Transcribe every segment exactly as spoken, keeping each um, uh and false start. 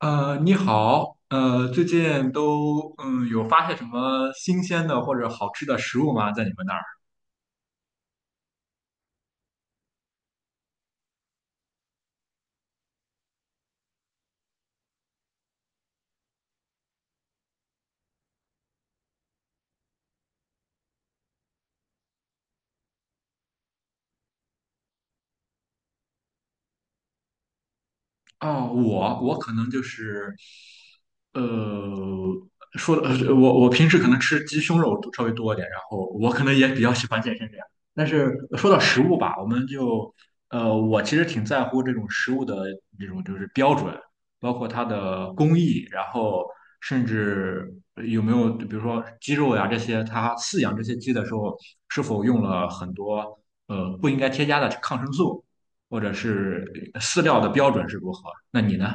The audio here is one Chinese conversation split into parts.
呃，你好，呃，最近都嗯有发现什么新鲜的或者好吃的食物吗？在你们那儿？哦，我我可能就是，呃，说的呃我我平时可能吃鸡胸肉稍微多一点，然后我可能也比较喜欢健身这样。但是呃说到食物吧，我们就，呃，我其实挺在乎这种食物的这种就是标准，包括它的工艺，然后甚至有没有比如说鸡肉呀这些，它饲养这些鸡的时候是否用了很多呃不应该添加的抗生素。或者是饲料的标准是如何？那你呢？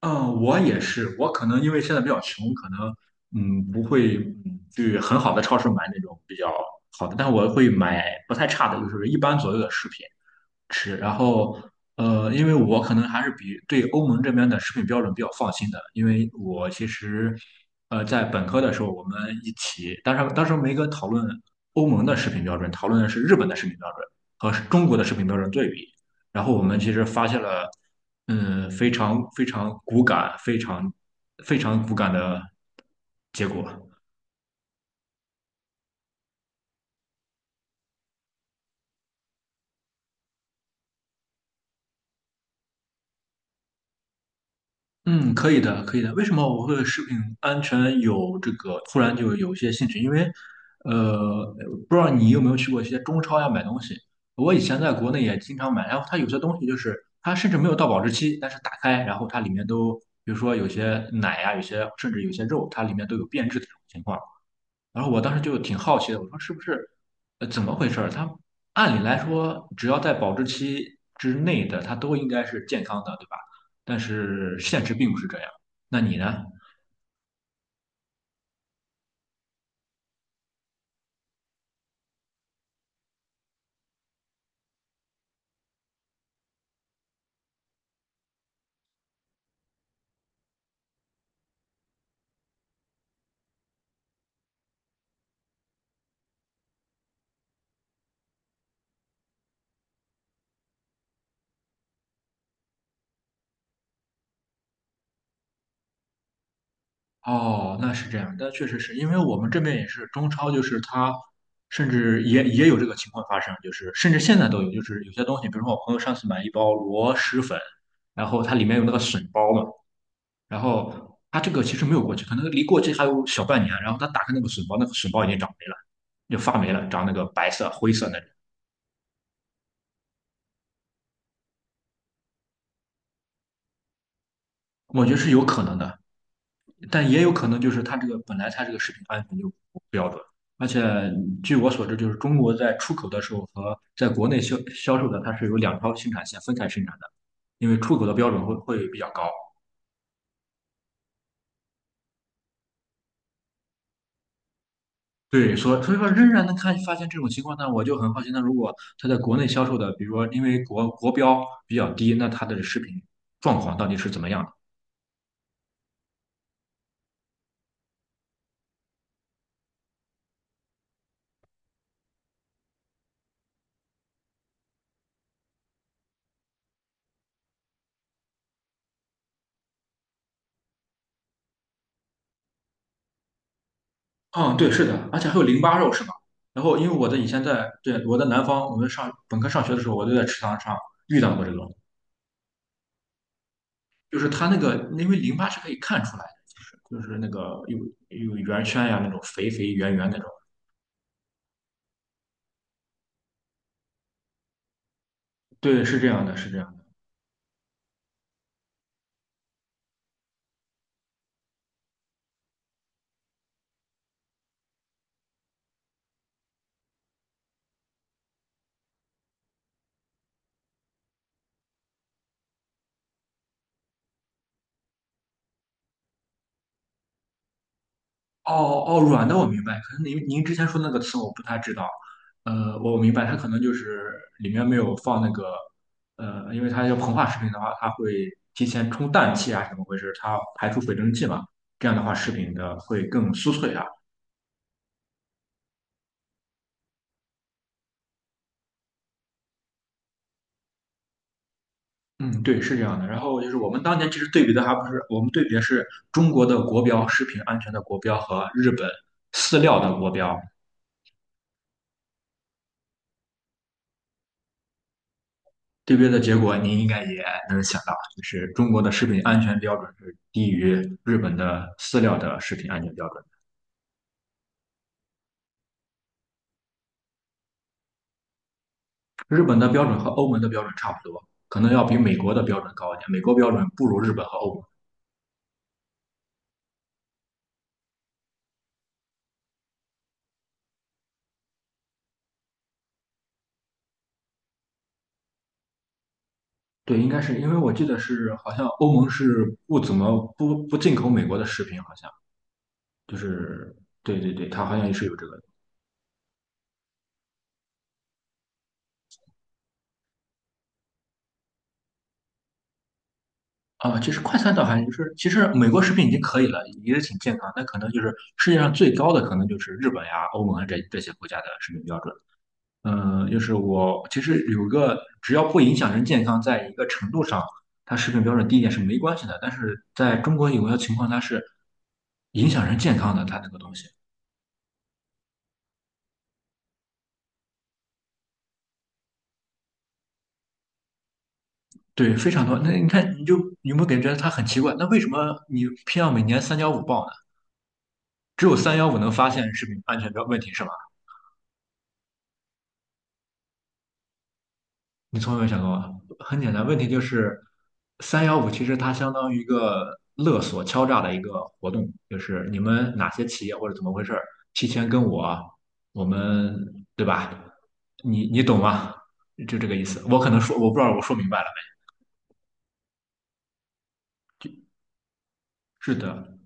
嗯，我也是，我可能因为现在比较穷，可能嗯不会嗯去很好的超市买那种比较好的，但我会买不太差的，就是一般左右的食品。吃。然后，呃，因为我可能还是比对欧盟这边的食品标准比较放心的，因为我其实，呃，在本科的时候我们一起，当时当时没跟讨论欧盟的食品标准，讨论的是日本的食品标准和中国的食品标准对比。然后我们其实发现了，嗯，非常非常骨感，非常非常骨感的结果。嗯，可以的，可以的。为什么我会食品安全有这个突然就有一些兴趣？因为，呃，不知道你有没有去过一些中超呀买东西？我以前在国内也经常买，然后它有些东西就是它甚至没有到保质期，但是打开，然后它里面都，比如说有些奶呀，有些甚至有些肉，它里面都有变质的这种情况。然后我当时就挺好奇的，我说是不是，呃，怎么回事儿？它按理来说，只要在保质期之内的，它都应该是健康的，对吧？但是现实并不是这样。那你呢？哦，那是这样，那确实是因为我们这边也是中超，就是它甚至也也有这个情况发生，就是甚至现在都有，就是有些东西，比如说我朋友上次买一包螺蛳粉，然后它里面有那个笋包嘛，然后它这个其实没有过期，可能离过期还有小半年，然后他打开那个笋包，那个笋包已经长霉了。就发霉了，长那个白色、灰色那种。我觉得是有可能的，但也有可能就是它这个本来它这个食品安全就不标准，而且据我所知，就是中国在出口的时候和在国内销销售的，它是有两条生产线分开生产的，因为出口的标准会会比较高。对，所所以说仍然能看发现这种情况呢，我就很好奇，那如果它在国内销售的，比如说因为国国标比较低，那它的食品状况到底是怎么样的？嗯，对，是的，而且还有淋巴肉是吧？然后因为我的以前在对我在南方，我们上本科上学的时候，我就在池塘上遇到过这种，就是它那个因为淋巴是可以看出来的，就是就是那个有有圆圈呀那种肥肥圆圆那种，对，是这样的，是这样的。哦哦，软的我明白，可能您您之前说那个词我不太知道，呃，我明白，它可能就是里面没有放那个，呃，因为它要膨化食品的话，它会提前充氮气啊，怎么回事？它排出水蒸气嘛，这样的话食品的会更酥脆啊。嗯，对，是这样的。然后就是我们当年其实对比的还不是，我们对比的是中国的国标，食品安全的国标和日本饲料的国标。对边的结果您应该也能想到，就是中国的食品安全标准是低于日本的饲料的食品安全标准。日本的标准和欧盟的标准差不多，可能要比美国的标准高一点。美国标准不如日本和欧盟。对，应该是因为我记得是好像欧盟是不怎么不不进口美国的食品，好像就是对对对，它好像也是有这个啊。其实快餐倒还就是其实美国食品已经可以了，也是挺健康，但可能就是世界上最高的可能就是日本呀、欧盟啊这这些国家的食品标准。嗯，就是我其实有一个，只要不影响人健康，在一个程度上，它食品标准低一点是没关系的。但是在中国有些情况，它是影响人健康的，它那个东西，对，非常多。那你看，你就有没有感觉它很奇怪？那为什么你偏要每年三幺五报呢？只有三幺五能发现食品安全标问题是吧？你从来没想过吗？很简单，问题就是三幺五其实它相当于一个勒索敲诈的一个活动，就是你们哪些企业或者怎么回事儿，提前跟我，我们对吧？你你懂吗？就这个意思。我可能说我不知道我说明白了没？是的，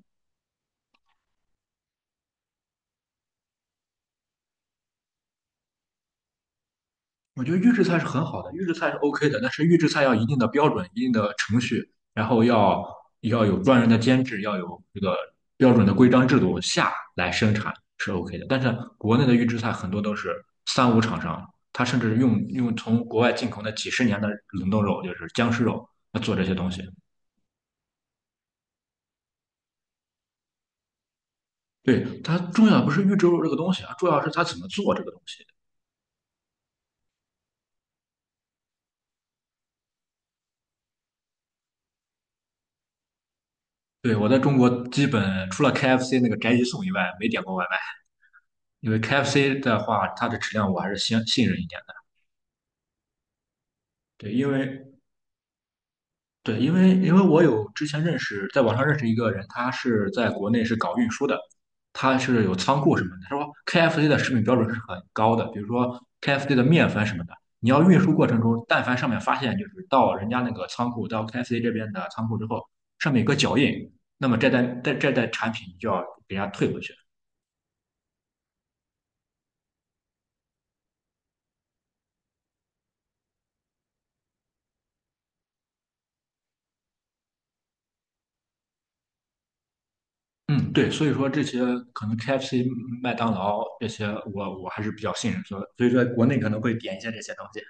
我觉得预制菜是很好的，预制菜是 OK 的，但是预制菜要一定的标准、一定的程序，然后要要有专人的监制，要有这个标准的规章制度下来生产是 OK 的。但是国内的预制菜很多都是三无厂商，他甚至用用从国外进口的几十年的冷冻肉，就是僵尸肉，来做这些东西。对，它重要不是预制肉这个东西啊，重要是它怎么做这个东西。对，我在中国基本除了 K F C 那个宅急送以外，没点过外卖，因为 K F C 的话，它的质量我还是信信任一点的。对，因为对，因为因为我有之前认识，在网上认识一个人，他是在国内是搞运输的，他是有仓库什么的。他说 K F C 的食品标准是很高的，比如说 K F C 的面粉什么的，你要运输过程中，但凡上面发现就是到人家那个仓库，到 K F C 这边的仓库之后，上面有个脚印，那么这单这这单产品就要给人家退回去。嗯，对，所以说这些可能 K F C、麦当劳这些我，我还是比较信任，所以所以说国内可能会点一些这些东西。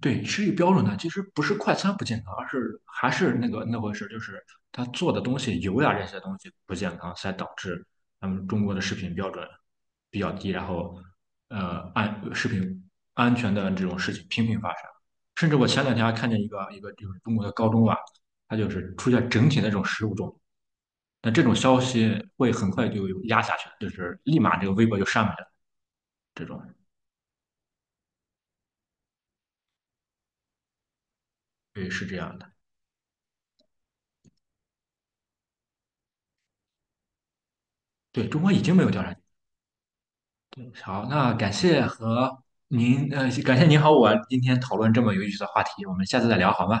对，吃一标准呢，其实不是快餐不健康，而是还是那个那回事，就是他做的东西油呀这些东西不健康，才导致咱们中国的食品标准比较低，然后呃安食品安全的这种事情频频发生。甚至我前两天还看见一个一个就是中国的高中啊，它就是出现整体的这种食物中毒。那这种消息会很快就压下去了，就是立马这个微博就上面了。这种，对，是这样的。对中国已经没有调查局。好，那感谢和您，呃，感谢您和我今天讨论这么有意思的话题，我们下次再聊好吗？